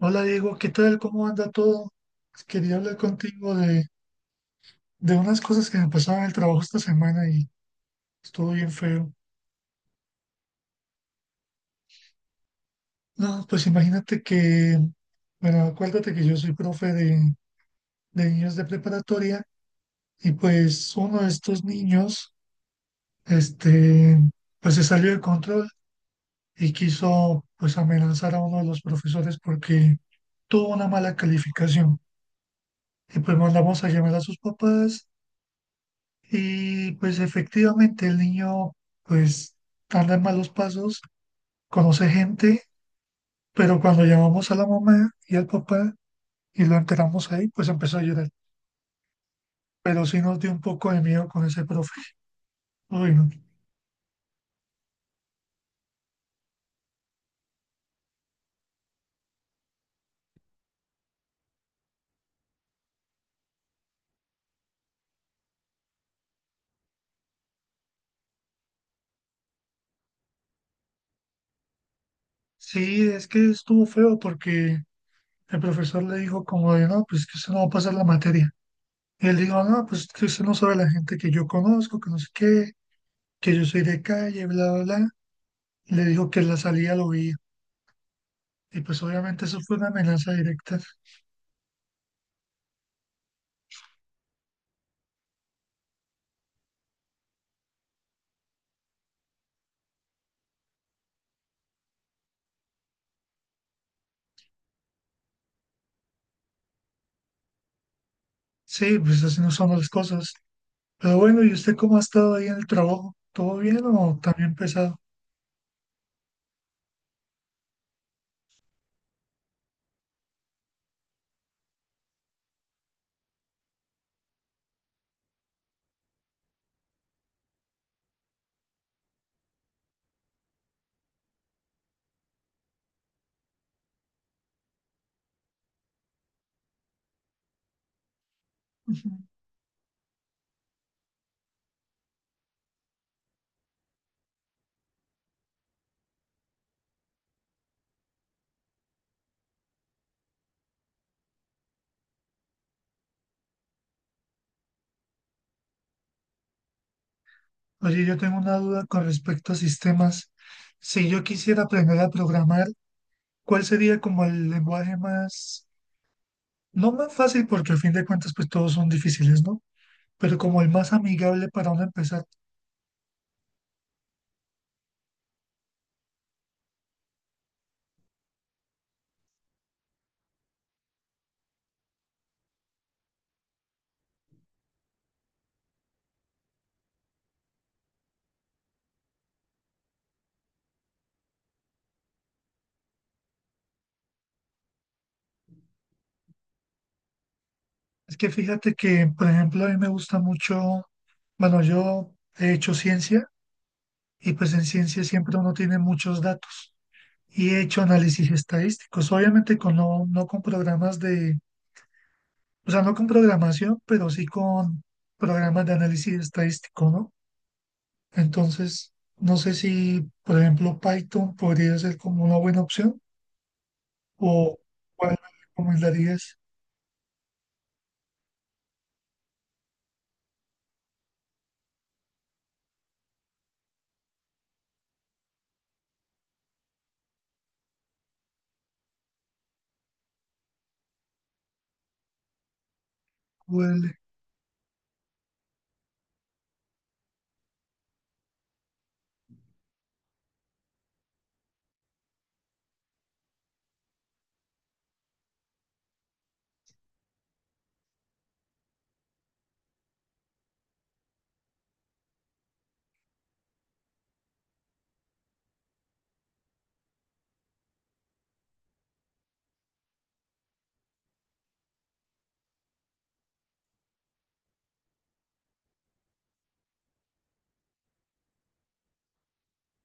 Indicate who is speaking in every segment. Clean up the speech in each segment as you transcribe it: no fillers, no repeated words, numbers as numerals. Speaker 1: Hola, Diego, ¿qué tal? ¿Cómo anda todo? Quería hablar contigo de unas cosas que me pasaron en el trabajo esta semana y estuvo bien feo. No, pues imagínate que, bueno, acuérdate que yo soy profe de niños de preparatoria y pues uno de estos niños, este, pues se salió de control y quiso pues amenazar a uno de los profesores porque tuvo una mala calificación. Y pues mandamos a llamar a sus papás. Y pues efectivamente el niño pues anda en malos pasos, conoce gente, pero cuando llamamos a la mamá y al papá y lo enteramos ahí, pues empezó a llorar. Pero sí nos dio un poco de miedo con ese profe. Uy, no. Sí, es que estuvo feo porque el profesor le dijo como de, no, pues que usted no va a pasar la materia. Y él dijo, no, pues que usted no sabe la gente que yo conozco, que no sé qué, que yo soy de calle, bla, bla, bla. Y le dijo que en la salida lo veía. Y pues obviamente eso fue una amenaza directa. Sí, pues así no somos las cosas. Pero bueno, ¿y usted cómo ha estado ahí en el trabajo? ¿Todo bien o también pesado? Ujú. Oye, yo tengo una duda con respecto a sistemas. Si yo quisiera aprender a programar, ¿cuál sería como el lenguaje más, no más fácil, porque al fin de cuentas pues todos son difíciles, ¿no? Pero como el más amigable para uno empezar. Es que fíjate que, por ejemplo, a mí me gusta mucho, bueno, yo he hecho ciencia y pues en ciencia siempre uno tiene muchos datos. Y he hecho análisis estadísticos, obviamente con no, no con programas de, o sea, no con programación, pero sí con programas de análisis estadístico, ¿no? Entonces, no sé si, por ejemplo, Python podría ser como una buena opción o cuál me recomendarías. QL.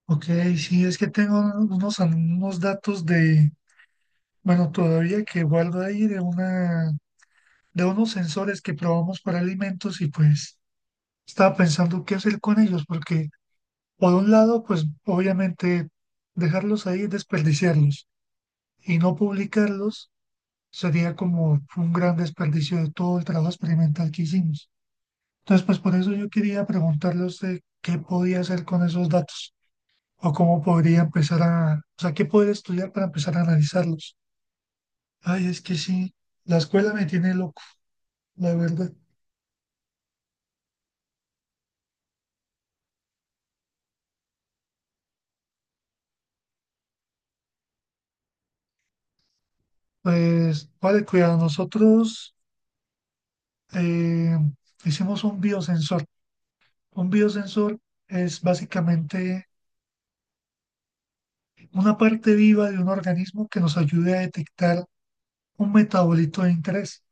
Speaker 1: Ok, sí, es que tengo unos, unos datos de, bueno, todavía que guardo ahí de una, de unos sensores que probamos para alimentos y pues estaba pensando qué hacer con ellos porque, por un lado, pues obviamente dejarlos ahí, desperdiciarlos y no publicarlos sería como un gran desperdicio de todo el trabajo experimental que hicimos. Entonces, pues por eso yo quería preguntarle a usted qué podía hacer con esos datos o cómo podría empezar a, o sea, qué poder estudiar para empezar a analizarlos. Ay, es que sí, la escuela me tiene loco, la verdad. Pues, vale, cuidado, nosotros eh, hicimos un biosensor. Un biosensor es básicamente una parte viva de un organismo que nos ayude a detectar un metabolito de interés.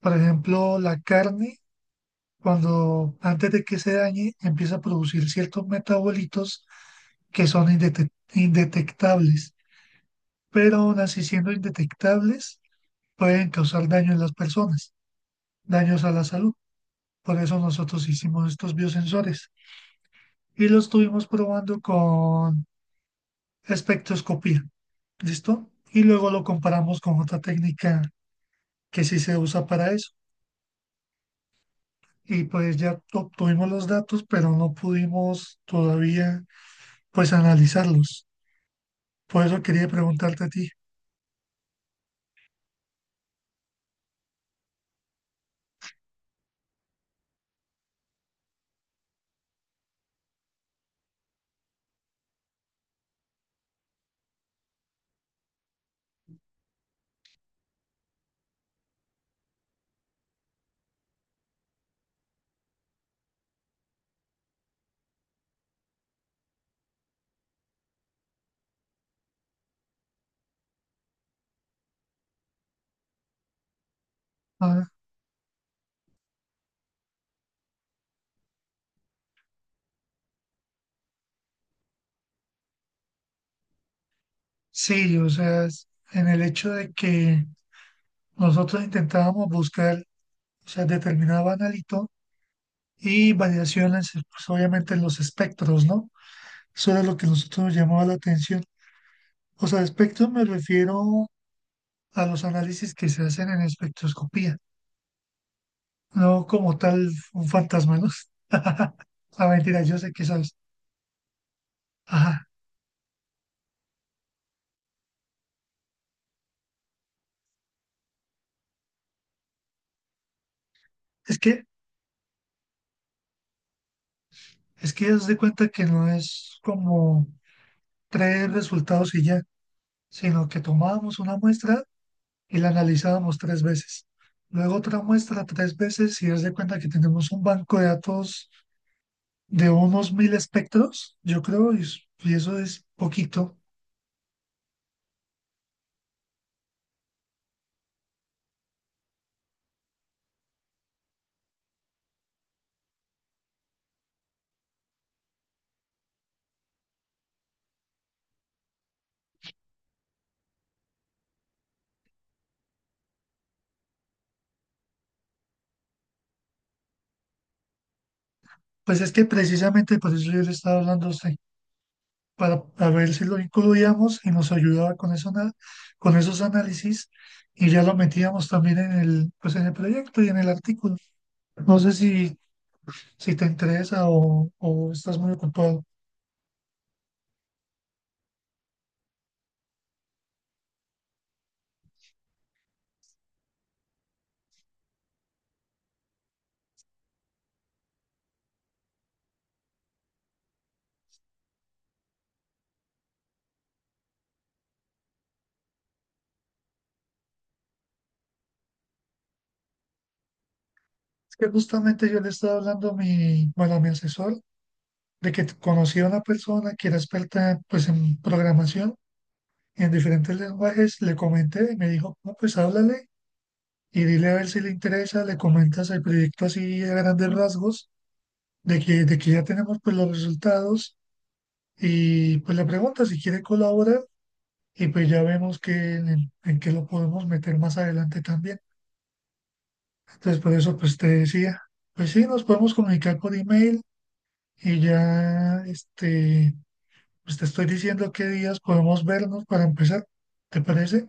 Speaker 1: Por ejemplo, la carne, cuando antes de que se dañe, empieza a producir ciertos metabolitos que son indetectables, pero aún así siendo indetectables, pueden causar daño en las personas, daños a la salud. Por eso nosotros hicimos estos biosensores y los estuvimos probando con espectroscopía. ¿Listo? Y luego lo comparamos con otra técnica que sí se usa para eso. Y pues ya obtuvimos los datos, pero no pudimos todavía pues analizarlos. Por eso quería preguntarte a ti. Ah, sí, o sea, es- en el hecho de que nosotros intentábamos buscar, o sea, determinado analito y variaciones, pues obviamente en los espectros, ¿no? Eso era lo que nosotros nos llamaba la atención. O sea, espectros me refiero a los análisis que se hacen en espectroscopía, no como tal un fantasma, ¿no? La mentira, yo sé que sabes. Ajá. Es que, es que haz de cuenta que no es como 3 resultados y ya, sino que tomábamos una muestra y la analizábamos 3 veces. Luego otra muestra 3 veces y haz de cuenta que tenemos un banco de datos de unos 1000 espectros, yo creo, y, es- y eso es poquito. Pues es que precisamente por eso yo le estaba hablando a usted, para, a ver si lo incluíamos y nos ayudaba con eso, con esos análisis y ya lo metíamos también en el, pues en el proyecto y en el artículo. No sé si, si te interesa o estás muy ocupado. Es que justamente yo le estaba hablando a mi, bueno, a mi asesor de que conocí a una persona que era experta pues en programación en diferentes lenguajes, le comenté y me dijo, no, pues háblale y dile a ver si le interesa, le comentas el proyecto así a grandes rasgos de que ya tenemos pues los resultados y pues la pregunta si quiere colaborar y pues ya vemos que en, el- en qué lo podemos meter más adelante también. Entonces por eso pues te decía, pues sí, nos podemos comunicar por email y ya este, pues te estoy diciendo qué días podemos vernos para empezar, ¿te parece?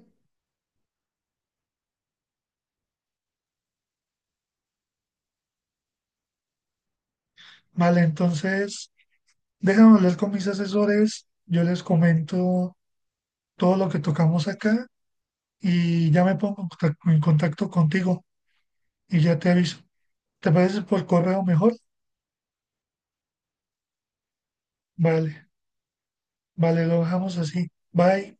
Speaker 1: Vale, entonces déjame hablar con mis asesores, yo les comento todo lo que tocamos acá y ya me pongo en en contacto contigo y ya te aviso. ¿Te parece por correo mejor? Vale, vale, lo dejamos así. Bye.